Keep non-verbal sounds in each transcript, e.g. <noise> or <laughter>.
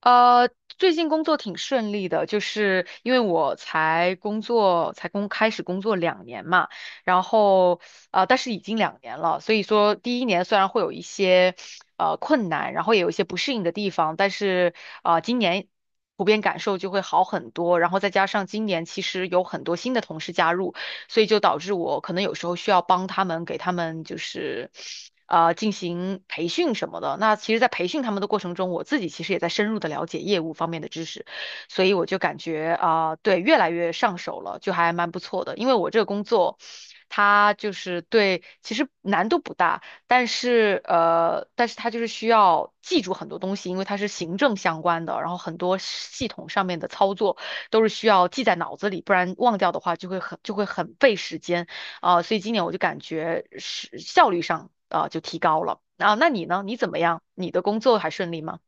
呃，最近工作挺顺利的，就是因为我才工作，才开始工作两年嘛，然后但是已经两年了，所以说第一年虽然会有一些困难，然后也有一些不适应的地方，但是今年普遍感受就会好很多，然后再加上今年其实有很多新的同事加入。所以就导致我可能有时候需要帮他们，给他们就是进行培训什么的。那其实，在培训他们的过程中，我自己其实也在深入的了解业务方面的知识，所以我就感觉啊、对，越来越上手了，就还蛮不错的。因为我这个工作，它就是对，其实难度不大，但是但是它就是需要记住很多东西，因为它是行政相关的，然后很多系统上面的操作，都是需要记在脑子里，不然忘掉的话就会很费时间啊、所以今年我就感觉是效率上啊、就提高了啊。那你呢？你怎么样？你的工作还顺利吗？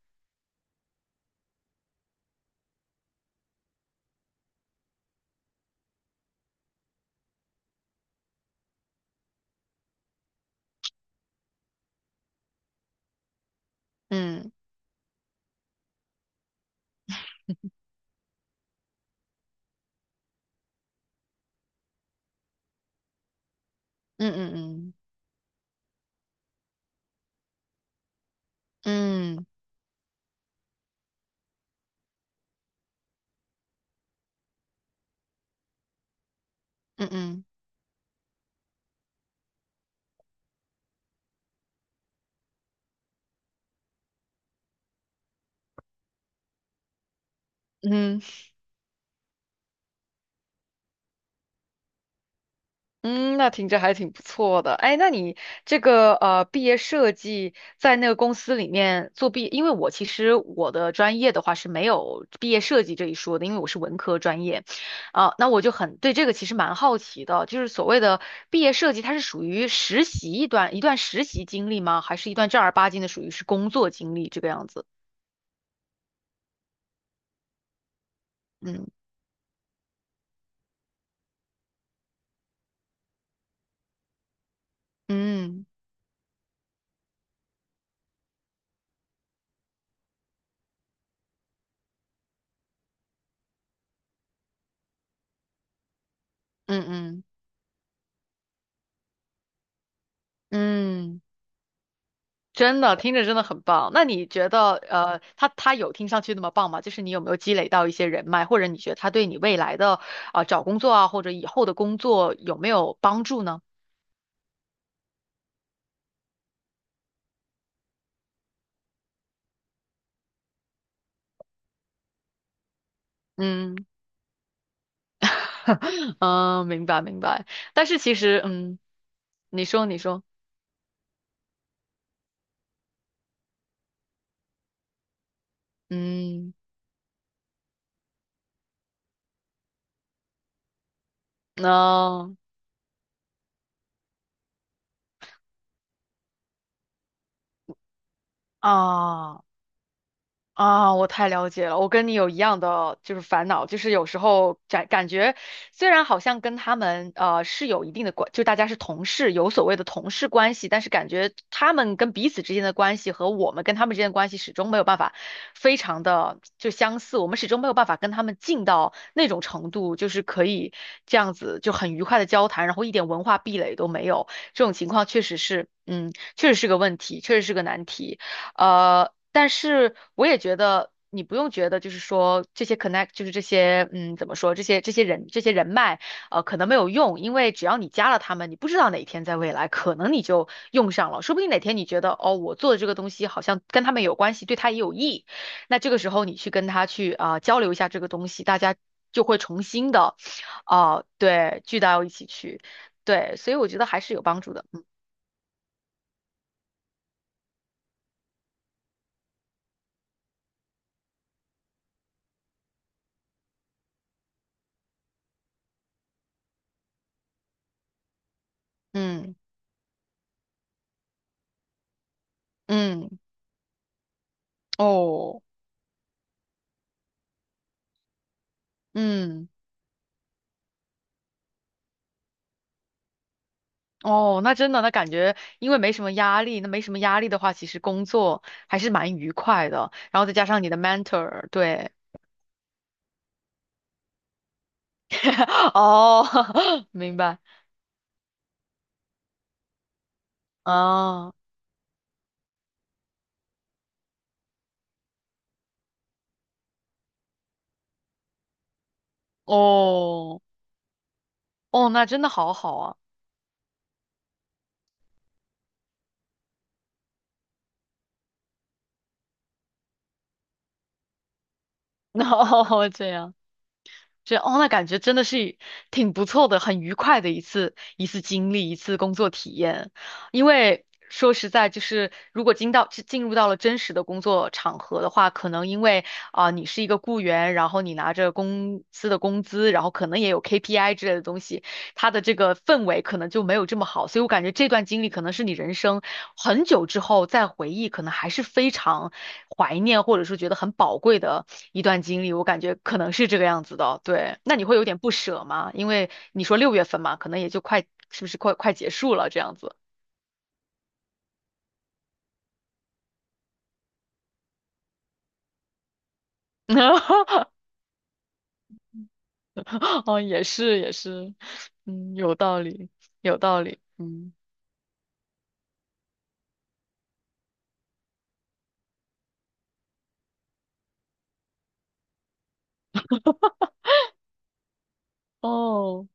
嗯嗯嗯嗯嗯嗯嗯嗯。嗯，那听着还挺不错的。哎，那你这个毕业设计在那个公司里面因为我其实我的专业的话是没有毕业设计这一说的，因为我是文科专业，啊、那我就很对这个其实蛮好奇的，就是所谓的毕业设计，它是属于实习一段实习经历吗？还是一段正儿八经的属于是工作经历这个样子？嗯嗯嗯嗯嗯。真的听着真的很棒。那你觉得，呃，他有听上去那么棒吗？就是你有没有积累到一些人脉，或者你觉得他对你未来的啊、找工作啊，或者以后的工作有没有帮助呢？嗯 <laughs> 明白明白。但是其实，嗯，你说你说，嗯，那、啊。啊，我太了解了，我跟你有一样的就是烦恼，就是有时候感觉虽然好像跟他们是有一定的关，就大家是同事，有所谓的同事关系，但是感觉他们跟彼此之间的关系和我们跟他们之间的关系始终没有办法非常的就相似，我们始终没有办法跟他们近到那种程度，就是可以这样子就很愉快的交谈，然后一点文化壁垒都没有，这种情况确实是，嗯，确实是个问题，确实是个难题。但是我也觉得你不用觉得，就是说这些 connect，就是这些，嗯，怎么说，这些人脉，可能没有用，因为只要你加了他们，你不知道哪一天在未来可能你就用上了，说不定哪天你觉得，哦，我做的这个东西好像跟他们有关系，对他也有益，那这个时候你去跟他去啊、交流一下这个东西，大家就会重新的，啊、对，聚到一起去，对，所以我觉得还是有帮助的，嗯嗯嗯哦，嗯。哦，那真的，那感觉因为没什么压力，那没什么压力的话，其实工作还是蛮愉快的。然后再加上你的 mentor，对，<laughs> 哦，<laughs> 明白，啊，哦，哦，那真的好好啊，<laughs> 哦，这样。觉得哦，那感觉真的是挺不错的，很愉快的一次经历，一次工作体验。因为说实在，就是如果进入到了真实的工作场合的话，可能因为啊、你是一个雇员，然后你拿着公司的工资，然后可能也有 KPI 之类的东西，他的这个氛围可能就没有这么好，所以我感觉这段经历可能是你人生很久之后再回忆，可能还是非常怀念或者说觉得很宝贵的一段经历。我感觉可能是这个样子的，对。那你会有点不舍吗？因为你说6月份嘛，可能也就快，是不是快结束了这样子？<laughs> 哦，也是也是，嗯，有道理，有道理，嗯，哦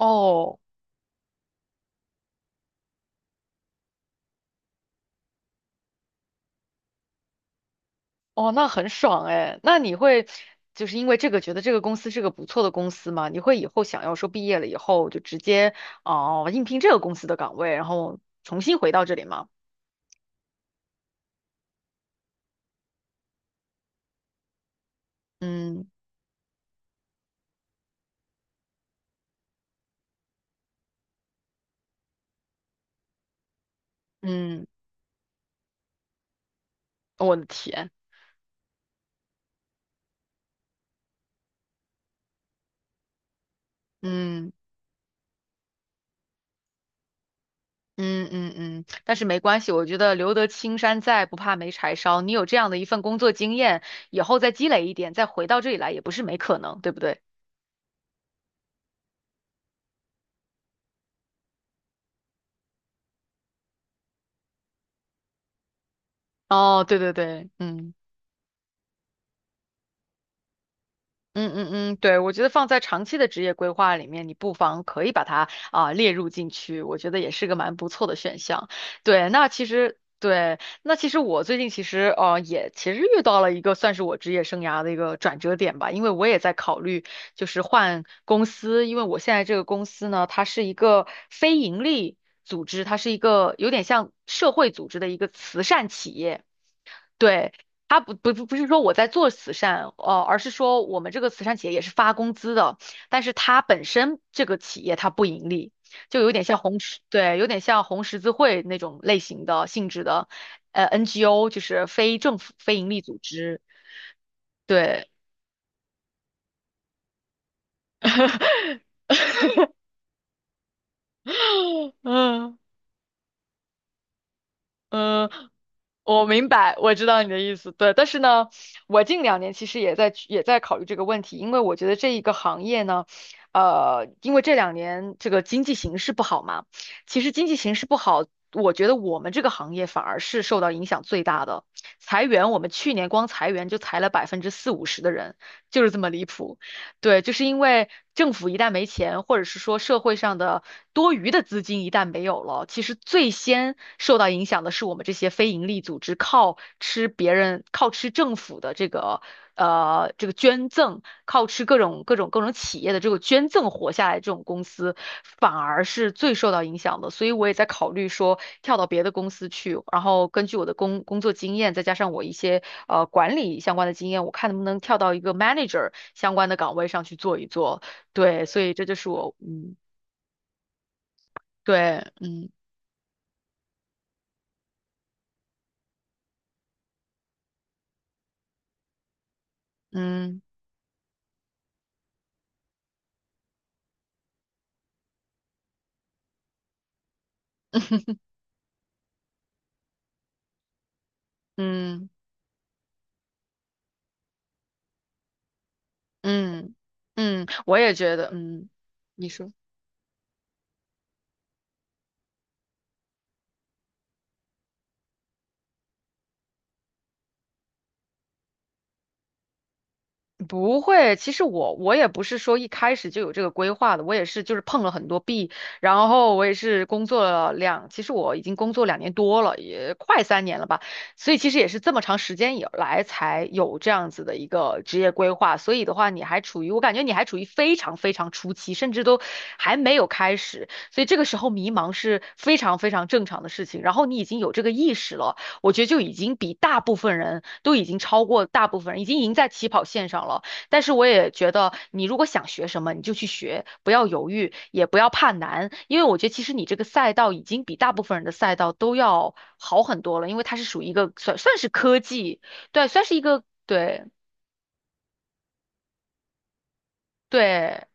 哦。哦，那很爽哎。那你会就是因为这个觉得这个公司是个不错的公司吗？你会以后想要说毕业了以后就直接哦、应聘这个公司的岗位，然后重新回到这里吗？嗯嗯，我的天，嗯嗯嗯嗯。但是没关系，我觉得留得青山在，不怕没柴烧。你有这样的一份工作经验，以后再积累一点，再回到这里来也不是没可能，对不对？哦，对对对，嗯。嗯嗯嗯，对，我觉得放在长期的职业规划里面，你不妨可以把它啊、列入进去，我觉得也是个蛮不错的选项。对，那其实对，那其实我最近其实也其实遇到了一个算是我职业生涯的一个转折点吧，因为我也在考虑就是换公司，因为我现在这个公司呢，它是一个非盈利组织，它是一个有点像社会组织的一个慈善企业。对，他不是说我在做慈善，呃，而是说我们这个慈善企业也是发工资的，但是它本身这个企业它不盈利，就有点像红十，对，有点像红十字会那种类型的性质的，呃，NGO 就是非政府非盈利组织，对。嗯嗯，我明白，我知道你的意思，对。但是呢，我近2年其实也在考虑这个问题，因为我觉得这一个行业呢，呃，因为这2年这个经济形势不好嘛，其实经济形势不好，我觉得我们这个行业反而是受到影响最大的。裁员，我们去年光裁员就裁了40%-50%的人，就是这么离谱。对，就是因为政府一旦没钱，或者是说社会上的多余的资金一旦没有了，其实最先受到影响的是我们这些非营利组织，靠吃别人，靠吃政府的这个这个捐赠，靠吃各种企业的这个捐赠活下来这种公司，反而是最受到影响的，所以我也在考虑说跳到别的公司去，然后根据我的工作经验，再加上我一些管理相关的经验，我看能不能跳到一个 manager 相关的岗位上去做一做。对，所以这就是我，嗯，对，嗯嗯嗯嗯嗯，我也觉得，嗯，你说。不会，其实我也不是说一开始就有这个规划的，我也是就是碰了很多壁，然后我也是工作了两，其实我已经工作2年多了，也快3年了吧，所以其实也是这么长时间以来才有这样子的一个职业规划，所以的话你还处于，我感觉你还处于非常非常初期，甚至都还没有开始，所以这个时候迷茫是非常非常正常的事情，然后你已经有这个意识了。我觉得就已经比大部分人都已经超过大部分人，已经赢在起跑线上了。但是我也觉得，你如果想学什么，你就去学，不要犹豫，也不要怕难，因为我觉得其实你这个赛道已经比大部分人的赛道都要好很多了，因为它是属于一个算是科技，对，算是一个对对。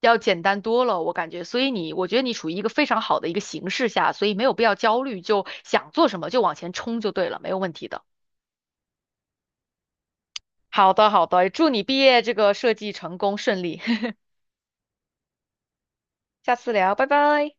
要简单多了，我感觉，所以你，我觉得你处于一个非常好的一个形势下，所以没有必要焦虑，就想做什么就往前冲就对了，没有问题的。好的，好的，祝你毕业这个设计成功顺利，<laughs> 下次聊，拜拜。